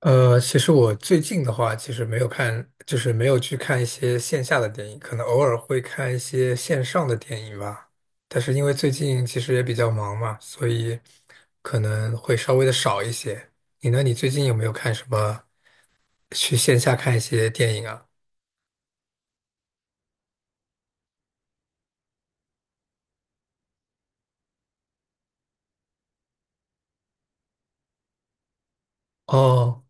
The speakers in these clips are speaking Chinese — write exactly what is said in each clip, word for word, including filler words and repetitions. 呃，其实我最近的话，其实没有看，就是没有去看一些线下的电影，可能偶尔会看一些线上的电影吧。但是因为最近其实也比较忙嘛，所以可能会稍微的少一些。你呢？你最近有没有看什么去线下看一些电影啊？哦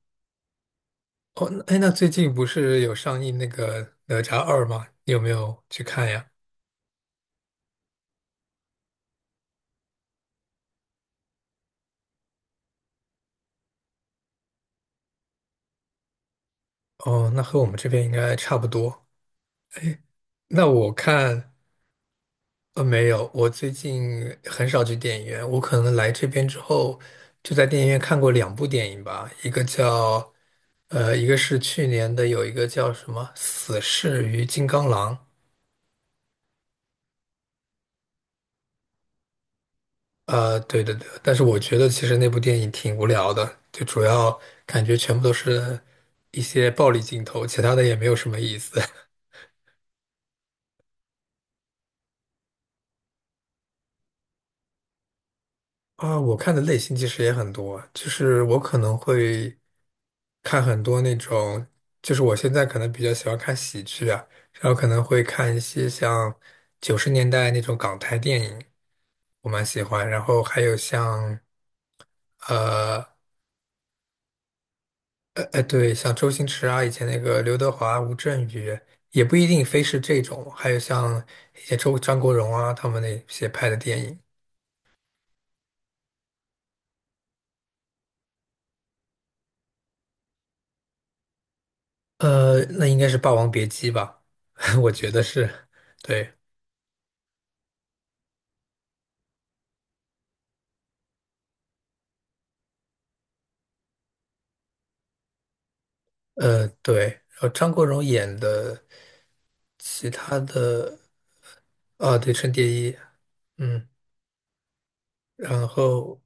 哦，那哎，那最近不是有上映那个《哪吒二》吗？你有没有去看呀？哦，那和我们这边应该差不多。那我看。呃，没有，我最近很少去电影院。我可能来这边之后，就在电影院看过两部电影吧，一个叫，呃，一个是去年的，有一个叫什么《死侍与金刚狼》。呃，对对对，但是我觉得其实那部电影挺无聊的，就主要感觉全部都是一些暴力镜头，其他的也没有什么意思。啊，我看的类型其实也很多，就是我可能会看很多那种，就是我现在可能比较喜欢看喜剧啊，然后可能会看一些像九十年代那种港台电影，我蛮喜欢。然后还有像呃呃呃，对，像周星驰啊，以前那个刘德华、吴镇宇，也不一定非是这种，还有像一些周张国荣啊他们那些拍的电影。呃，那应该是《霸王别姬》吧？我觉得是，对，呃，对。然后张国荣演的其他的，啊，对，《春蝶衣》，嗯，然后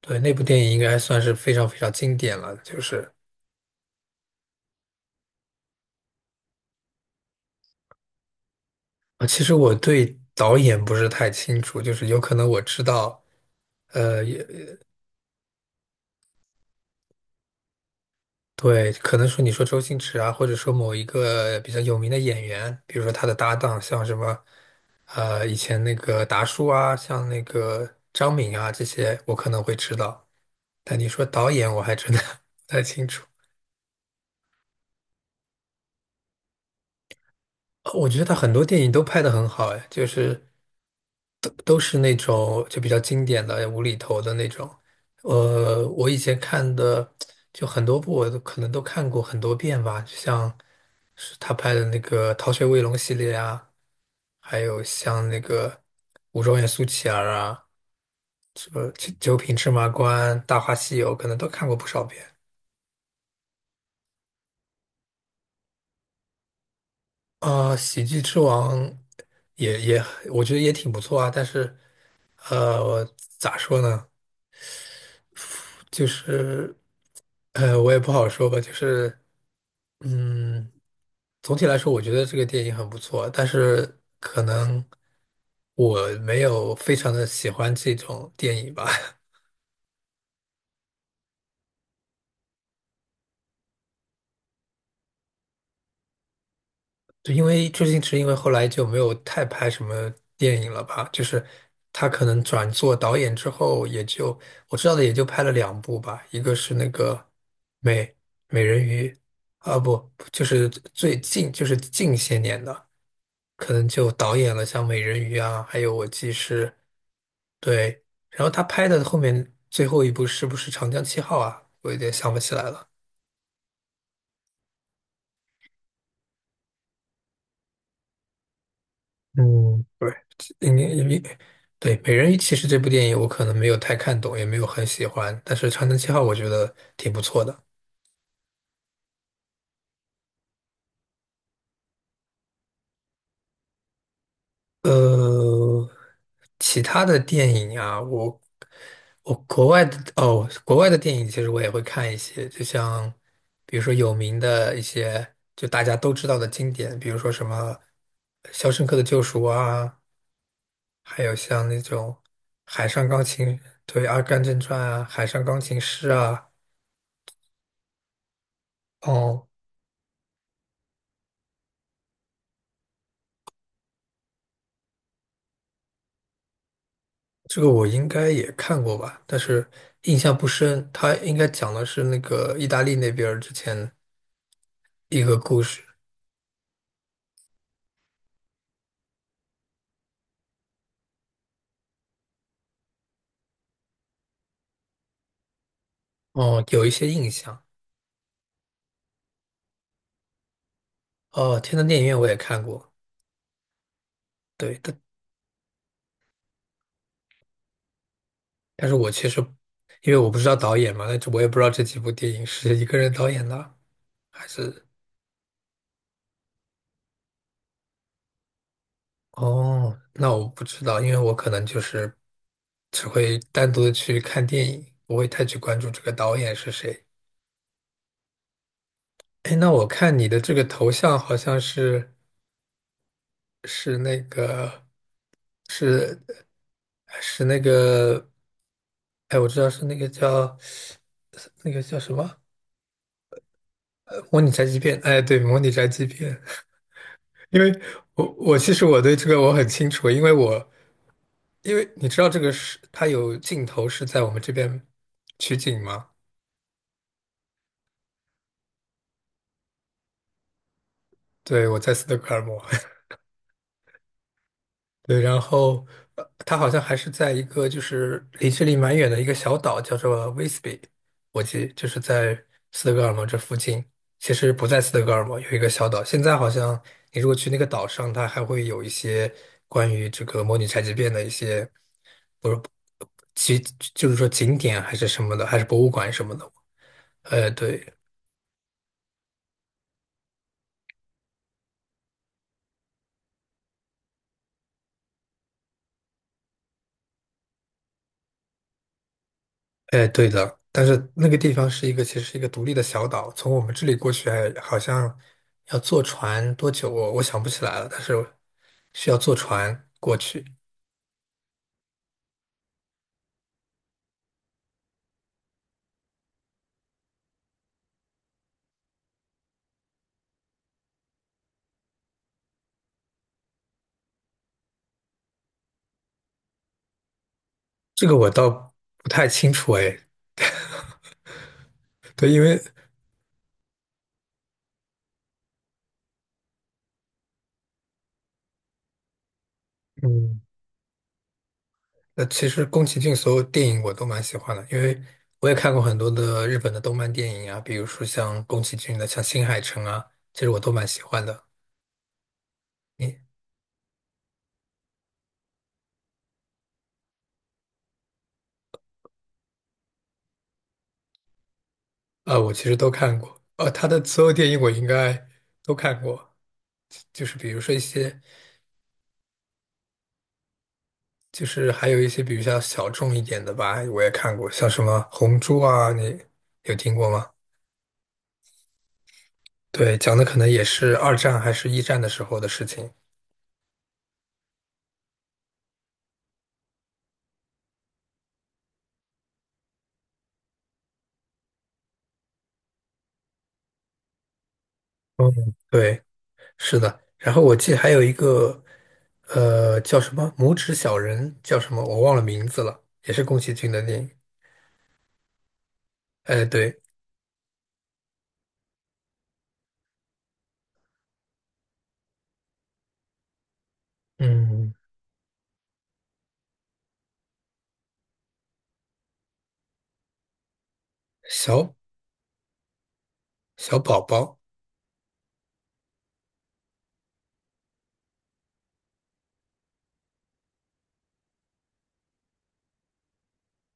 对那部电影应该算是非常非常经典了。就是啊，其实我对导演不是太清楚，就是有可能我知道，呃，也。对，可能说你说周星驰啊，或者说某一个比较有名的演员，比如说他的搭档，像什么，呃，以前那个达叔啊，像那个张敏啊，这些我可能会知道。但你说导演，我还真的 不太清楚。呃我觉得他很多电影都拍得很好，哎，就是都都是那种就比较经典的无厘头的那种。呃，我以前看的就很多部，我都可能都看过很多遍吧，就像是他拍的那个《逃学威龙》系列啊。还有像那个《五状元苏乞儿》啊，什么《九九品芝麻官》《大话西游》，可能都看过不少遍。啊、喜剧之王也也，我觉得也挺不错啊。但是，呃，咋说呢？就是，呃，我也不好说吧。就是，嗯，总体来说，我觉得这个电影很不错。但是，可能我没有非常的喜欢这种电影吧。就因为周星驰，因为后来就没有太拍什么电影了吧，就是他可能转做导演之后，也就我知道的也就拍了两部吧，一个是那个美美人鱼，啊不，就是最近就是近些年的，可能就导演了像美人鱼啊，还有我记是，对，然后他拍的后面最后一部是不是长江七号啊？我有点想不起来了。嗯，对，应该因为对《美人鱼》其实这部电影我可能没有太看懂，也没有很喜欢，但是《长城七号》我觉得挺不错的。呃，其他的电影啊，我我国外的哦，国外的电影其实我也会看一些，就像比如说有名的一些，就大家都知道的经典，比如说什么《肖申克的救赎》啊，还有像那种《海上钢琴》对《阿甘正传》啊，《海上钢琴师》啊。哦，这个我应该也看过吧，但是印象不深。他应该讲的是那个意大利那边儿之前一个故事，哦，有一些印象。哦，天堂电影院我也看过，对，但但是我其实因为我不知道导演嘛，那这我也不知道这几部电影是一个人导演的，还是哦，那我不知道，因为我可能就是只会单独的去看电影，不会太去关注这个导演是谁。哎，那我看你的这个头像好像是。是那个是是那个，哎，我知道是那个叫那个叫什么？呃模拟宅急便。哎，对，模拟宅急便。因为我我其实我对这个我很清楚，因为我因为你知道这个是它有镜头是在我们这边取景吗？对，我在斯德哥尔摩。对，然后呃，它好像还是在一个就是离这里蛮远的一个小岛，叫做威斯比，我记就是在斯德哥尔摩这附近。其实不在斯德哥尔摩，有一个小岛。现在好像你如果去那个岛上，它还会有一些关于这个模拟宅急变的一些，不是，其就是说景点还是什么的，还是博物馆什么的。呃，对，哎，对的，但是那个地方是一个，其实是一个独立的小岛，从我们这里过去还好像要坐船多久我我想不起来了，但是需要坐船过去，这个我倒不太清楚哎。对，因为嗯，那其实宫崎骏所有电影我都蛮喜欢的，因为我也看过很多的日本的动漫电影啊，比如说像宫崎骏的像《新海诚》啊，其实我都蛮喜欢的。你啊，我其实都看过，呃，他的所有电影我应该都看过。就是比如说一些，就是还有一些比较小众一点的吧，我也看过，像什么《红猪》啊，你有听过吗？对，讲的可能也是二战还是一战的时候的事情。嗯，对，是的。然后我记得还有一个，呃，叫什么《拇指小人》，叫什么我忘了名字了，也是宫崎骏的电影。哎，对，嗯，小小宝宝。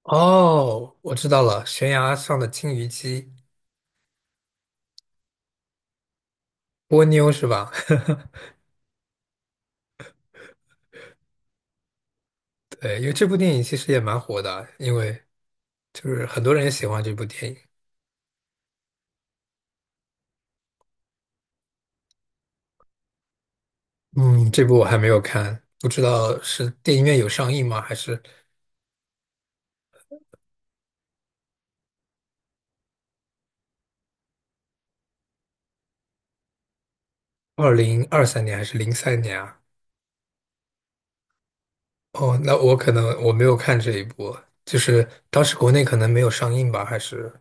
哦，我知道了，悬崖上的金鱼姬，波妞是吧？对，因为这部电影其实也蛮火的，因为就是很多人也喜欢这部电影。嗯，这部我还没有看，不知道是电影院有上映吗？还是二零二三年还是零三年啊？哦，那我可能我没有看这一部，就是当时国内可能没有上映吧，还是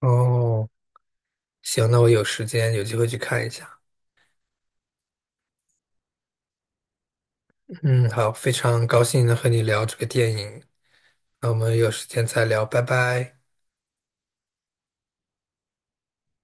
哦，行，那我有时间有机会去看一下。嗯，好，非常高兴能和你聊这个电影，那我们有时间再聊，拜拜。